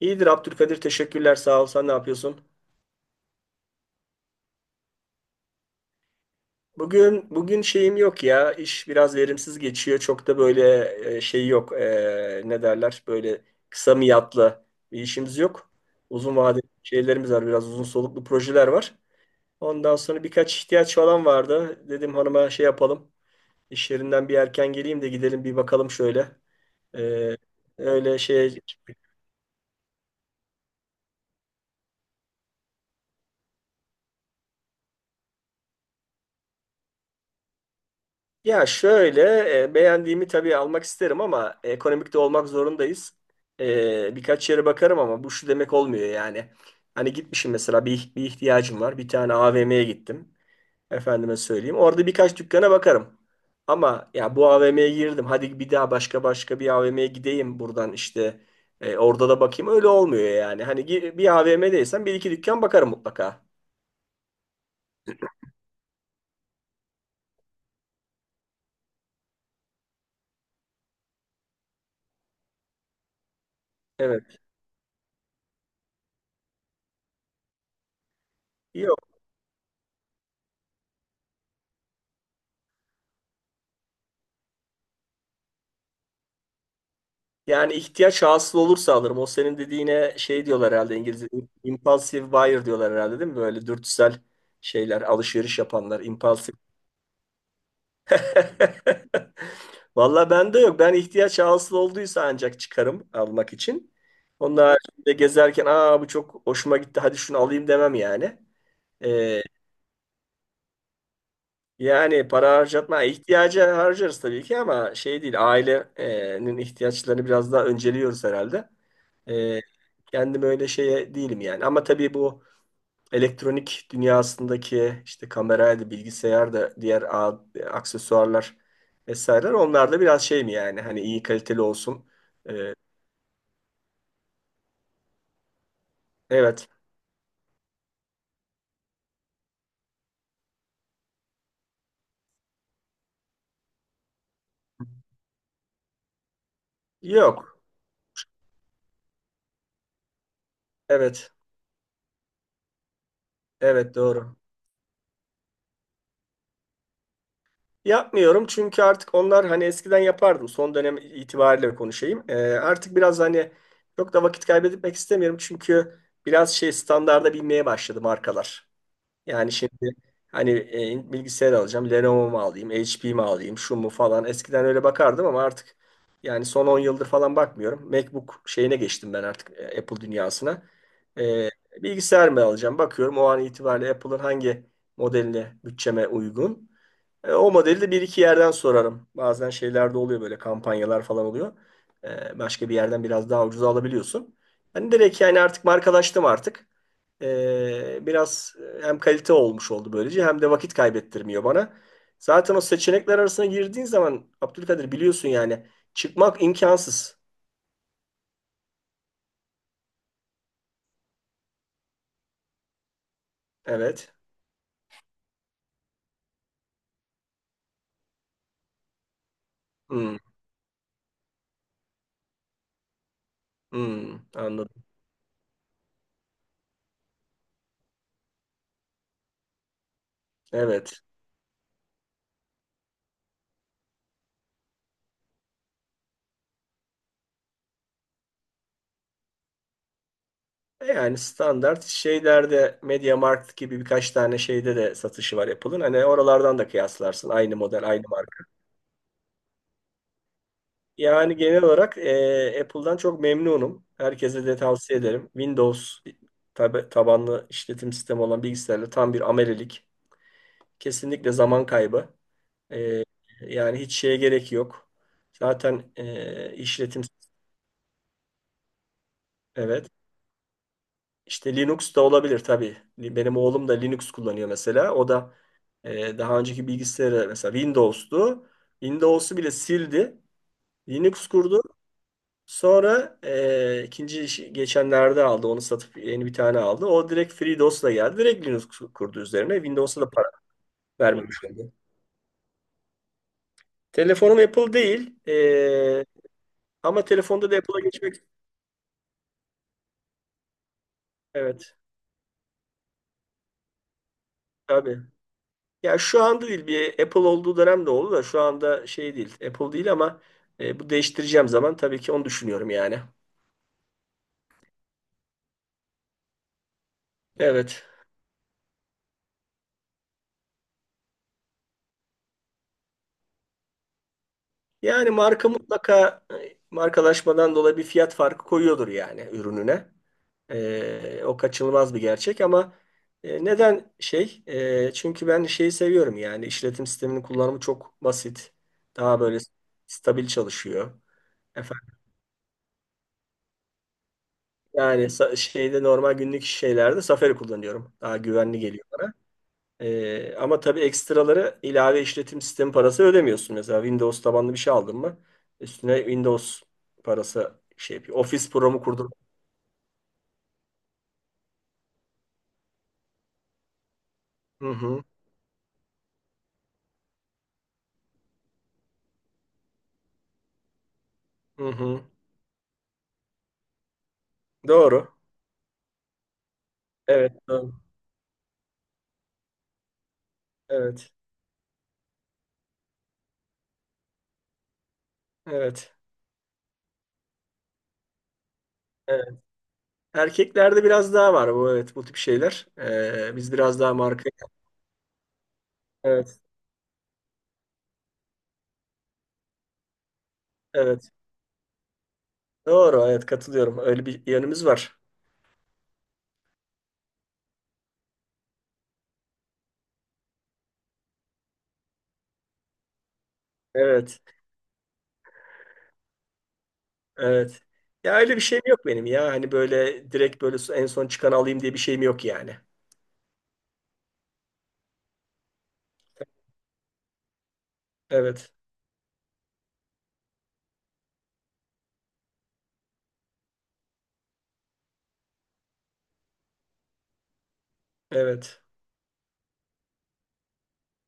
İyidir Abdülkadir, teşekkürler, sağ ol. Sen ne yapıyorsun? Bugün şeyim yok ya, iş biraz verimsiz geçiyor, çok da böyle şey yok. Ne derler, böyle kısa miyatlı bir işimiz yok. Uzun vadeli şeylerimiz var, biraz uzun soluklu projeler var. Ondan sonra birkaç ihtiyaç falan vardı, dedim hanıma şey yapalım, iş yerinden bir erken geleyim de gidelim bir bakalım şöyle. E, Öyle şey. Ya şöyle, beğendiğimi tabii almak isterim ama ekonomik de olmak zorundayız. Birkaç yere bakarım ama bu şu demek olmuyor yani. Hani gitmişim mesela, bir ihtiyacım var. Bir tane AVM'ye gittim. Efendime söyleyeyim, orada birkaç dükkana bakarım. Ama ya bu AVM'ye girdim, hadi bir daha başka başka bir AVM'ye gideyim buradan işte. Orada da bakayım. Öyle olmuyor yani. Hani bir AVM'deysem bir iki dükkan bakarım mutlaka. Evet. Yani ihtiyaç hasıl olursa alırım. O senin dediğine şey diyorlar herhalde, İngilizce. Impulsive buyer diyorlar herhalde, değil mi? Böyle dürtüsel şeyler, alışveriş yapanlar. Impulsive. Valla bende yok. Ben ihtiyaç hasıl olduysa ancak çıkarım almak için. Onun haricinde gezerken, aa bu çok hoşuma gitti hadi şunu alayım demem yani. Ee, Yani para harcatma, ihtiyaca harcarız tabii ki, ama şey değil, ailenin ihtiyaçlarını biraz daha önceliyoruz herhalde. E, Kendim öyle şeye değilim yani. Ama tabii bu elektronik dünyasındaki işte kameraydı, bilgisayar da diğer aksesuarlar vesaireler, onlar da biraz şey mi, yani hani iyi kaliteli olsun. E, evet. Yok. Evet. Evet doğru. Yapmıyorum çünkü artık onlar, hani eskiden yapardım. Son dönem itibariyle konuşayım. Artık biraz hani çok da vakit kaybetmek istemiyorum, çünkü biraz şey, standarda binmeye başladı markalar. Yani şimdi hani bilgisayar alacağım, Lenovo mu alayım, HP mi alayım, şu mu falan. Eskiden öyle bakardım ama artık, yani son 10 yıldır falan bakmıyorum. MacBook şeyine geçtim ben artık, Apple dünyasına. E, Bilgisayar mı alacağım? Bakıyorum o an itibariyle Apple'ın hangi modeline bütçeme uygun. O modeli de bir iki yerden sorarım. Bazen şeyler de oluyor, böyle kampanyalar falan oluyor. Başka bir yerden biraz daha ucuza alabiliyorsun. Hani direkt, yani artık markalaştım artık. Biraz hem kalite olmuş oldu böylece, hem de vakit kaybettirmiyor bana. Zaten o seçenekler arasına girdiğin zaman Abdülkadir, biliyorsun yani, çıkmak imkansız. Evet. Hmm, hmm, anladım. Evet. Yani standart şeylerde MediaMarkt gibi birkaç tane şeyde de satışı var Apple'ın. Hani oralardan da kıyaslarsın. Aynı model, aynı marka. Yani genel olarak Apple'dan çok memnunum. Herkese de tavsiye ederim. Windows tabanlı işletim sistemi olan bilgisayarla tam bir amelelik. Kesinlikle zaman kaybı. E, Yani hiç şeye gerek yok. Zaten işletim, evet. İşte Linux da olabilir tabii. Benim oğlum da Linux kullanıyor mesela. O da daha önceki bilgisayarı mesela Windows'tu. Windows'u bile sildi. Linux kurdu. Sonra ikinci işi geçenlerde aldı. Onu satıp yeni bir tane aldı. O direkt FreeDOS'la geldi. Direkt Linux kurdu üzerine. Windows'a da para vermemiş oldu. Telefonum Apple değil. Ama telefonda da Apple'a geçmek... Evet. Tabii. Ya şu anda değil. Bir Apple olduğu dönem de oldu da şu anda şey değil. Apple değil ama bu değiştireceğim zaman tabii ki onu düşünüyorum yani. Evet. Yani marka mutlaka markalaşmadan dolayı bir fiyat farkı koyuyordur yani ürününe. O kaçınılmaz bir gerçek, ama neden şey? Çünkü ben şeyi seviyorum, yani işletim sisteminin kullanımı çok basit. Daha böyle stabil çalışıyor. Efendim, yani şeyde, normal günlük şeylerde Safari kullanıyorum. Daha güvenli geliyor bana. Ama tabii ekstraları, ilave işletim sistemi parası ödemiyorsun. Mesela Windows tabanlı bir şey aldın mı üstüne Windows parası şey yapıyor. Office programı kurdur. Hı hı, hı hı. Doğru. Evet, doğru. Evet, evet, evet. Erkeklerde biraz daha var bu, evet, bu tip şeyler. Biz biraz daha marka. Evet, evet. Doğru, evet, katılıyorum. Öyle bir yanımız var. Evet, evet. Ya öyle bir şeyim yok benim ya. Hani böyle direkt böyle en son çıkanı alayım diye bir şeyim yok yani. Evet. Evet.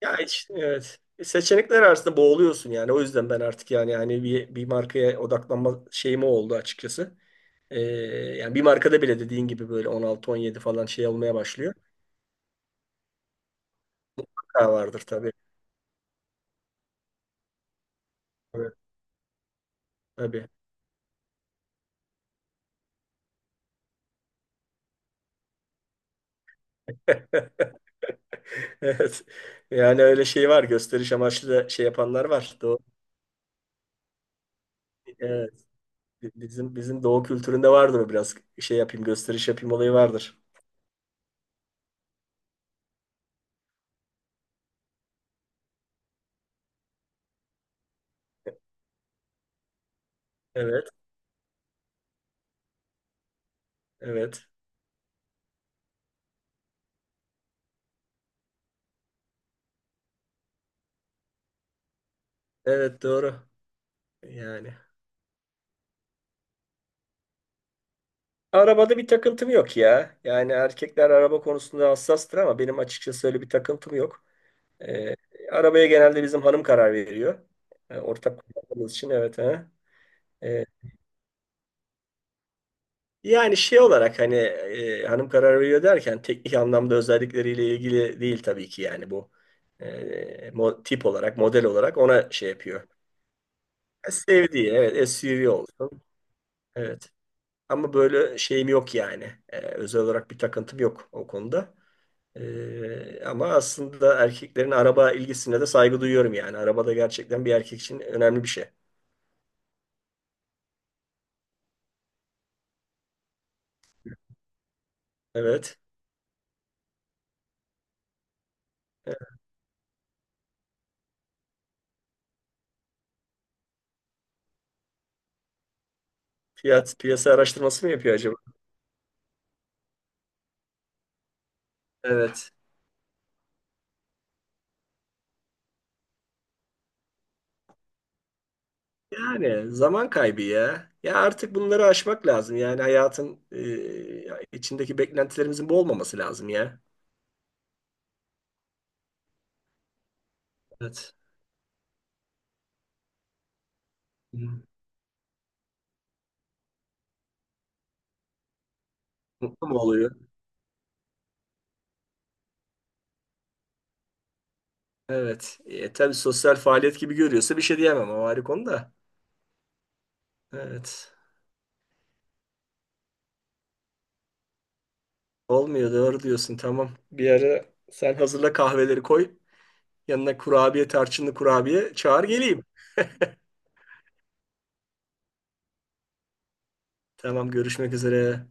Ya evet. Seçenekler arasında boğuluyorsun yani. O yüzden ben artık yani, bir markaya odaklanma şeyim o oldu açıkçası. Ee, Yani bir markada bile dediğin gibi böyle 16-17 falan şey olmaya başlıyor. Ha vardır tabii. Evet. Tabii. Evet. Yani öyle şey var. Gösteriş amaçlı da şey yapanlar var. Doğu, evet. Bizim doğu kültüründe vardır o biraz. Şey yapayım, gösteriş yapayım olayı vardır. Evet. Evet. Evet, doğru. Yani. Arabada bir takıntım yok ya. Yani erkekler araba konusunda hassastır ama benim açıkçası öyle bir takıntım yok. Ee, Arabaya genelde bizim hanım karar veriyor. Ortak kullandığımız için, evet. Ha. Ee, Yani şey olarak, hani hanım karar veriyor derken teknik anlamda özellikleriyle ilgili değil tabii ki yani bu. Tip olarak, model olarak ona şey yapıyor. Sevdiği, evet, SUV olsun. Evet. Ama böyle şeyim yok yani. Özel olarak bir takıntım yok o konuda. Ama aslında erkeklerin araba ilgisine de saygı duyuyorum yani. Araba da gerçekten bir erkek için önemli bir şey. Evet. Evet. Fiyat piyasa araştırması mı yapıyor acaba? Evet. Yani zaman kaybı ya. Ya artık bunları aşmak lazım. Yani hayatın içindeki beklentilerimizin bu olmaması lazım ya. Evet. Hı. Mutlu mu oluyor? Evet. Tabii, sosyal faaliyet gibi görüyorsa bir şey diyemem. O ayrı konu da. Evet. Olmuyor, doğru diyorsun, tamam. Bir ara sen hazırla, kahveleri koy. Yanına kurabiye, tarçınlı kurabiye, çağır geleyim. Tamam, görüşmek üzere.